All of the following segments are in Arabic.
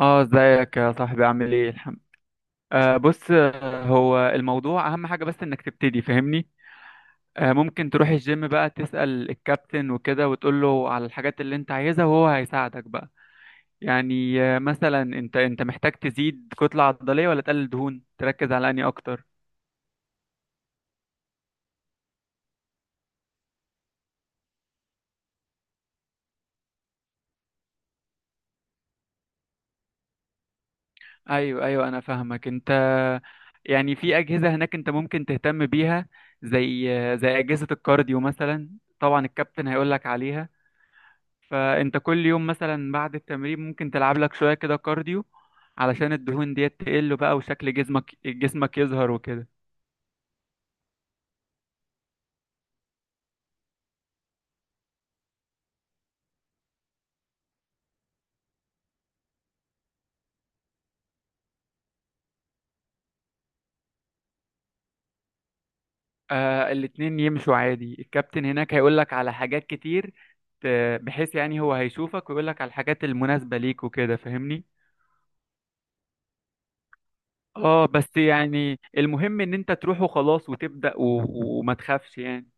اه، ازيك يا صاحبي؟ عامل ايه؟ الحمد. بص، هو الموضوع اهم حاجة، بس انك تبتدي، فاهمني؟ آه، ممكن تروح الجيم بقى، تسأل الكابتن وكده وتقول له على الحاجات اللي انت عايزها، وهو هيساعدك بقى. يعني آه، مثلا انت محتاج تزيد كتلة عضلية ولا تقلل دهون؟ تركز على انهي اكتر؟ ايوه ايوه، انا فاهمك انت. يعني في اجهزة هناك انت ممكن تهتم بيها، زي اجهزة الكارديو مثلا. طبعا الكابتن هيقول لك عليها. فانت كل يوم مثلا بعد التمرين ممكن تلعب لك شوية كده كارديو، علشان الدهون ديت تقل بقى، وشكل جسمك يظهر وكده. آه، الاتنين يمشوا عادي. الكابتن هناك هيقول لك على حاجات كتير، بحيث يعني هو هيشوفك ويقول لك على الحاجات المناسبة ليك وكده، فاهمني؟ اه، بس يعني المهم ان انت تروح وخلاص وتبدأ، وما تخافش يعني.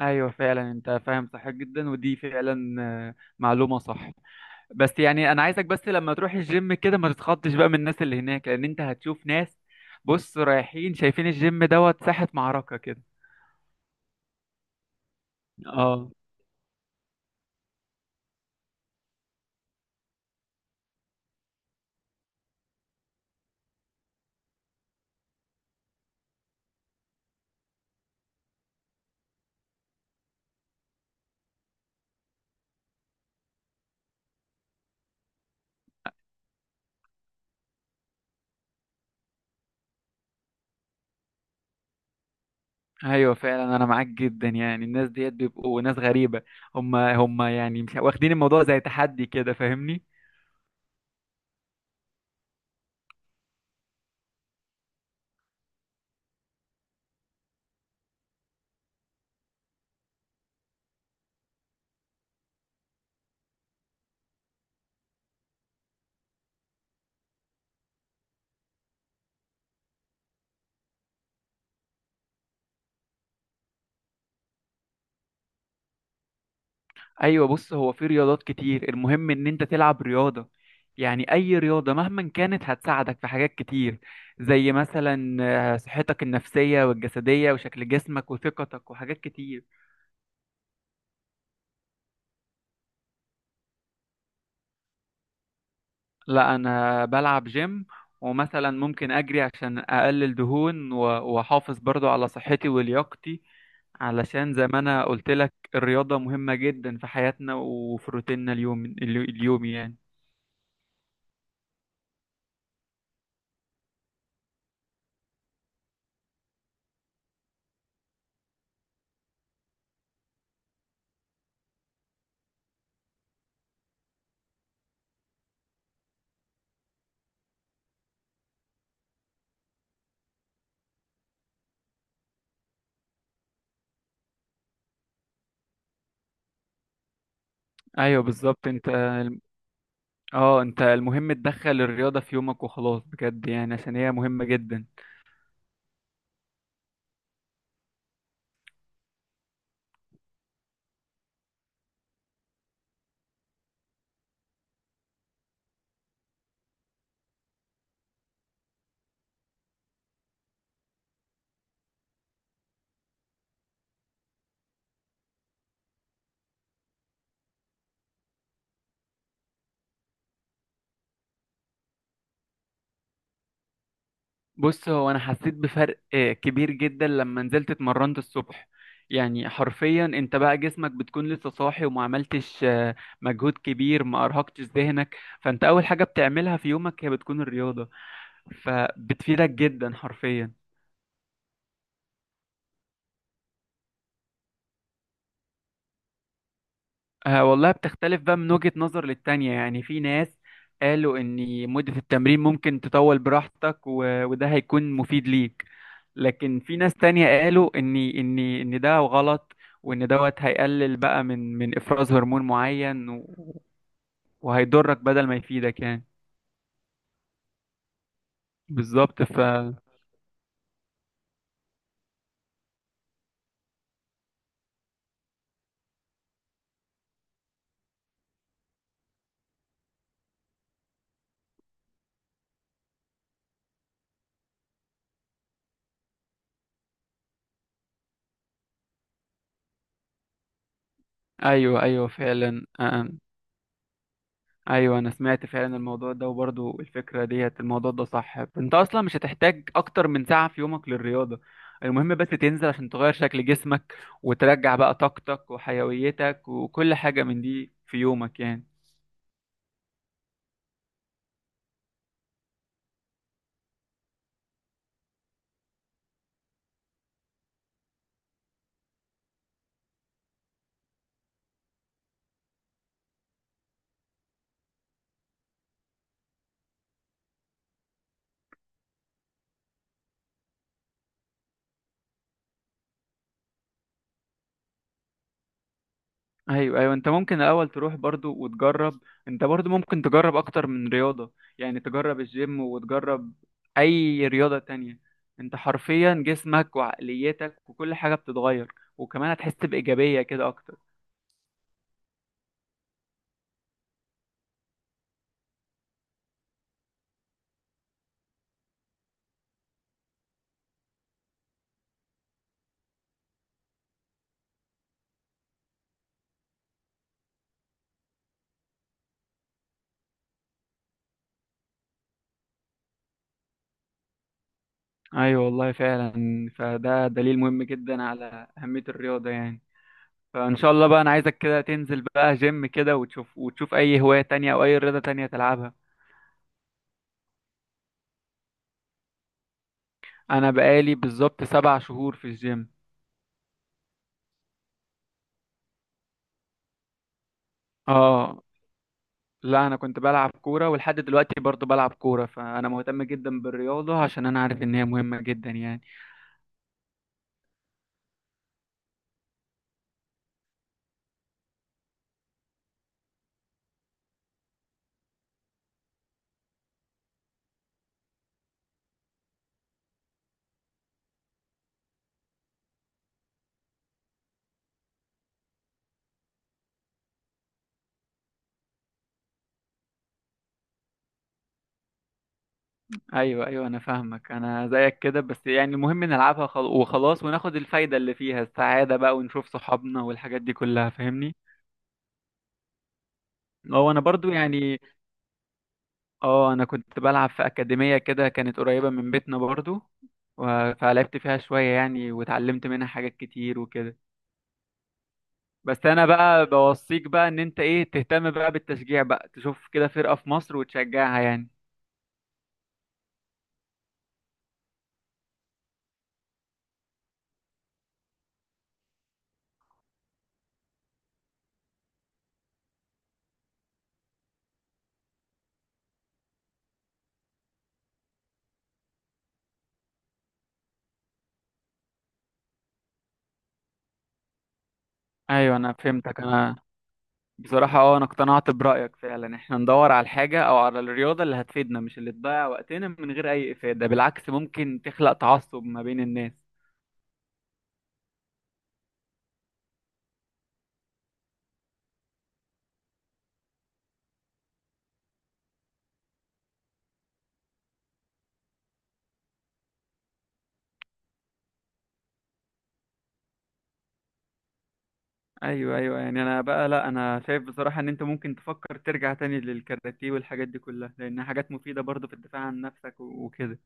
ايوه فعلا، انت فاهم صح جدا، ودي فعلا معلومة صح. بس يعني انا عايزك، بس لما تروح الجيم كده، ما تتخضش بقى من الناس اللي هناك، لان انت هتشوف ناس بص رايحين شايفين الجيم دوت ساحة معركة كده. اه، ايوه فعلا، انا معاك جدا. يعني الناس ديت بيبقوا ناس غريبة. هم هم يعني مش واخدين الموضوع زي تحدي كده، فاهمني؟ ايوه بص، هو في رياضات كتير، المهم ان انت تلعب رياضة. يعني اي رياضة مهما كانت هتساعدك في حاجات كتير، زي مثلا صحتك النفسية والجسدية وشكل جسمك وثقتك وحاجات كتير. لا، انا بلعب جيم، ومثلا ممكن اجري عشان اقلل دهون، واحافظ برضو على صحتي ولياقتي، علشان زي ما انا قلت لك، الرياضة مهمة جدا في حياتنا وفي روتيننا اليومي يعني. ايوه بالظبط انت. اه، انت المهم تدخل الرياضة في يومك وخلاص، بجد يعني، عشان هي مهمة جدا. بص، هو انا حسيت بفرق كبير جدا لما نزلت اتمرنت الصبح. يعني حرفيا انت بقى جسمك بتكون لسه صاحي، وما عملتش مجهود كبير، ما ارهقتش ذهنك، فانت اول حاجة بتعملها في يومك هي بتكون الرياضة، فبتفيدك جدا حرفيا. آه والله، بتختلف بقى من وجهة نظر للتانية. يعني في ناس قالوا ان مدة التمرين ممكن تطول براحتك، وده هيكون مفيد ليك. لكن في ناس تانية قالوا ان ده غلط، وان دوت هيقلل بقى من افراز هرمون معين، وهيضرك بدل ما يفيدك يعني. بالظبط. ايوه ايوه فعلا. ايوه، انا سمعت فعلا الموضوع ده، وبرضو الفكرة ديت، الموضوع ده صح. انت اصلا مش هتحتاج اكتر من ساعة في يومك للرياضة، المهم بس تنزل عشان تغير شكل جسمك، وترجع بقى طاقتك وحيويتك وكل حاجة من دي في يومك يعني. ايوه ايوه، انت ممكن الاول تروح برضو وتجرب. انت برضو ممكن تجرب اكتر من رياضه، يعني تجرب الجيم وتجرب اي رياضه تانية. انت حرفيا جسمك وعقليتك وكل حاجه بتتغير، وكمان هتحس بايجابيه كده اكتر. ايوه والله فعلا، فده دليل مهم جدا على اهميه الرياضه يعني. فان شاء الله بقى، انا عايزك كده تنزل بقى جيم كده وتشوف، وتشوف اي هوايه تانية او اي رياضه تانية تلعبها. انا بقالي بالظبط 7 شهور في الجيم. اه، لا انا كنت بلعب كوره، ولحد دلوقتي برضو بلعب كوره، فانا مهتم جدا بالرياضه عشان انا عارف ان هي مهمه جدا يعني. ايوه ايوه انا فاهمك، انا زيك كده. بس يعني المهم نلعبها وخلاص، وناخد الفايده اللي فيها، السعاده بقى، ونشوف صحابنا والحاجات دي كلها، فاهمني؟ هو انا برضو يعني، اه، انا كنت بلعب في اكاديميه كده كانت قريبه من بيتنا برضو، فلعبت فيها شويه يعني، واتعلمت منها حاجات كتير وكده. بس انا بقى بوصيك بقى، ان انت ايه، تهتم بقى بالتشجيع بقى، تشوف كده فرقة في مصر وتشجعها يعني. ايوه، انا فهمتك انا. بصراحة انا اقتنعت برأيك فعلا، احنا ندور على الحاجة او على الرياضة اللي هتفيدنا، مش اللي تضيع وقتنا من غير اي افادة، بالعكس ممكن تخلق تعصب ما بين الناس. ايوه ايوه، يعني انا بقى، لا انا شايف بصراحة ان انت ممكن تفكر ترجع تاني للكاراتيه والحاجات دي كلها، لانها حاجات مفيدة برضه في الدفاع عن نفسك وكده.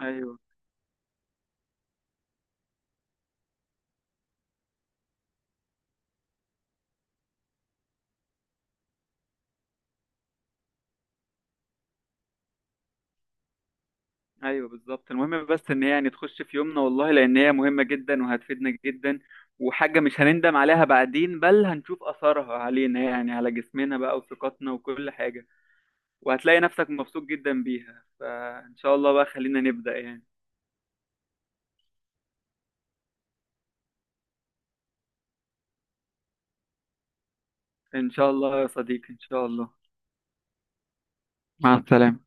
ايوه ايوه بالظبط، المهم بس ان هي يعني تخش في يومنا والله، لان هي مهمه جدا وهتفيدنا جدا، وحاجه مش هنندم عليها بعدين، بل هنشوف اثرها علينا يعني، على جسمنا بقى وثقتنا وكل حاجه، وهتلاقي نفسك مبسوط جدا بيها. فان شاء الله بقى، خلينا نبدا يعني. ان شاء الله يا صديقي، ان شاء الله. مع السلامه.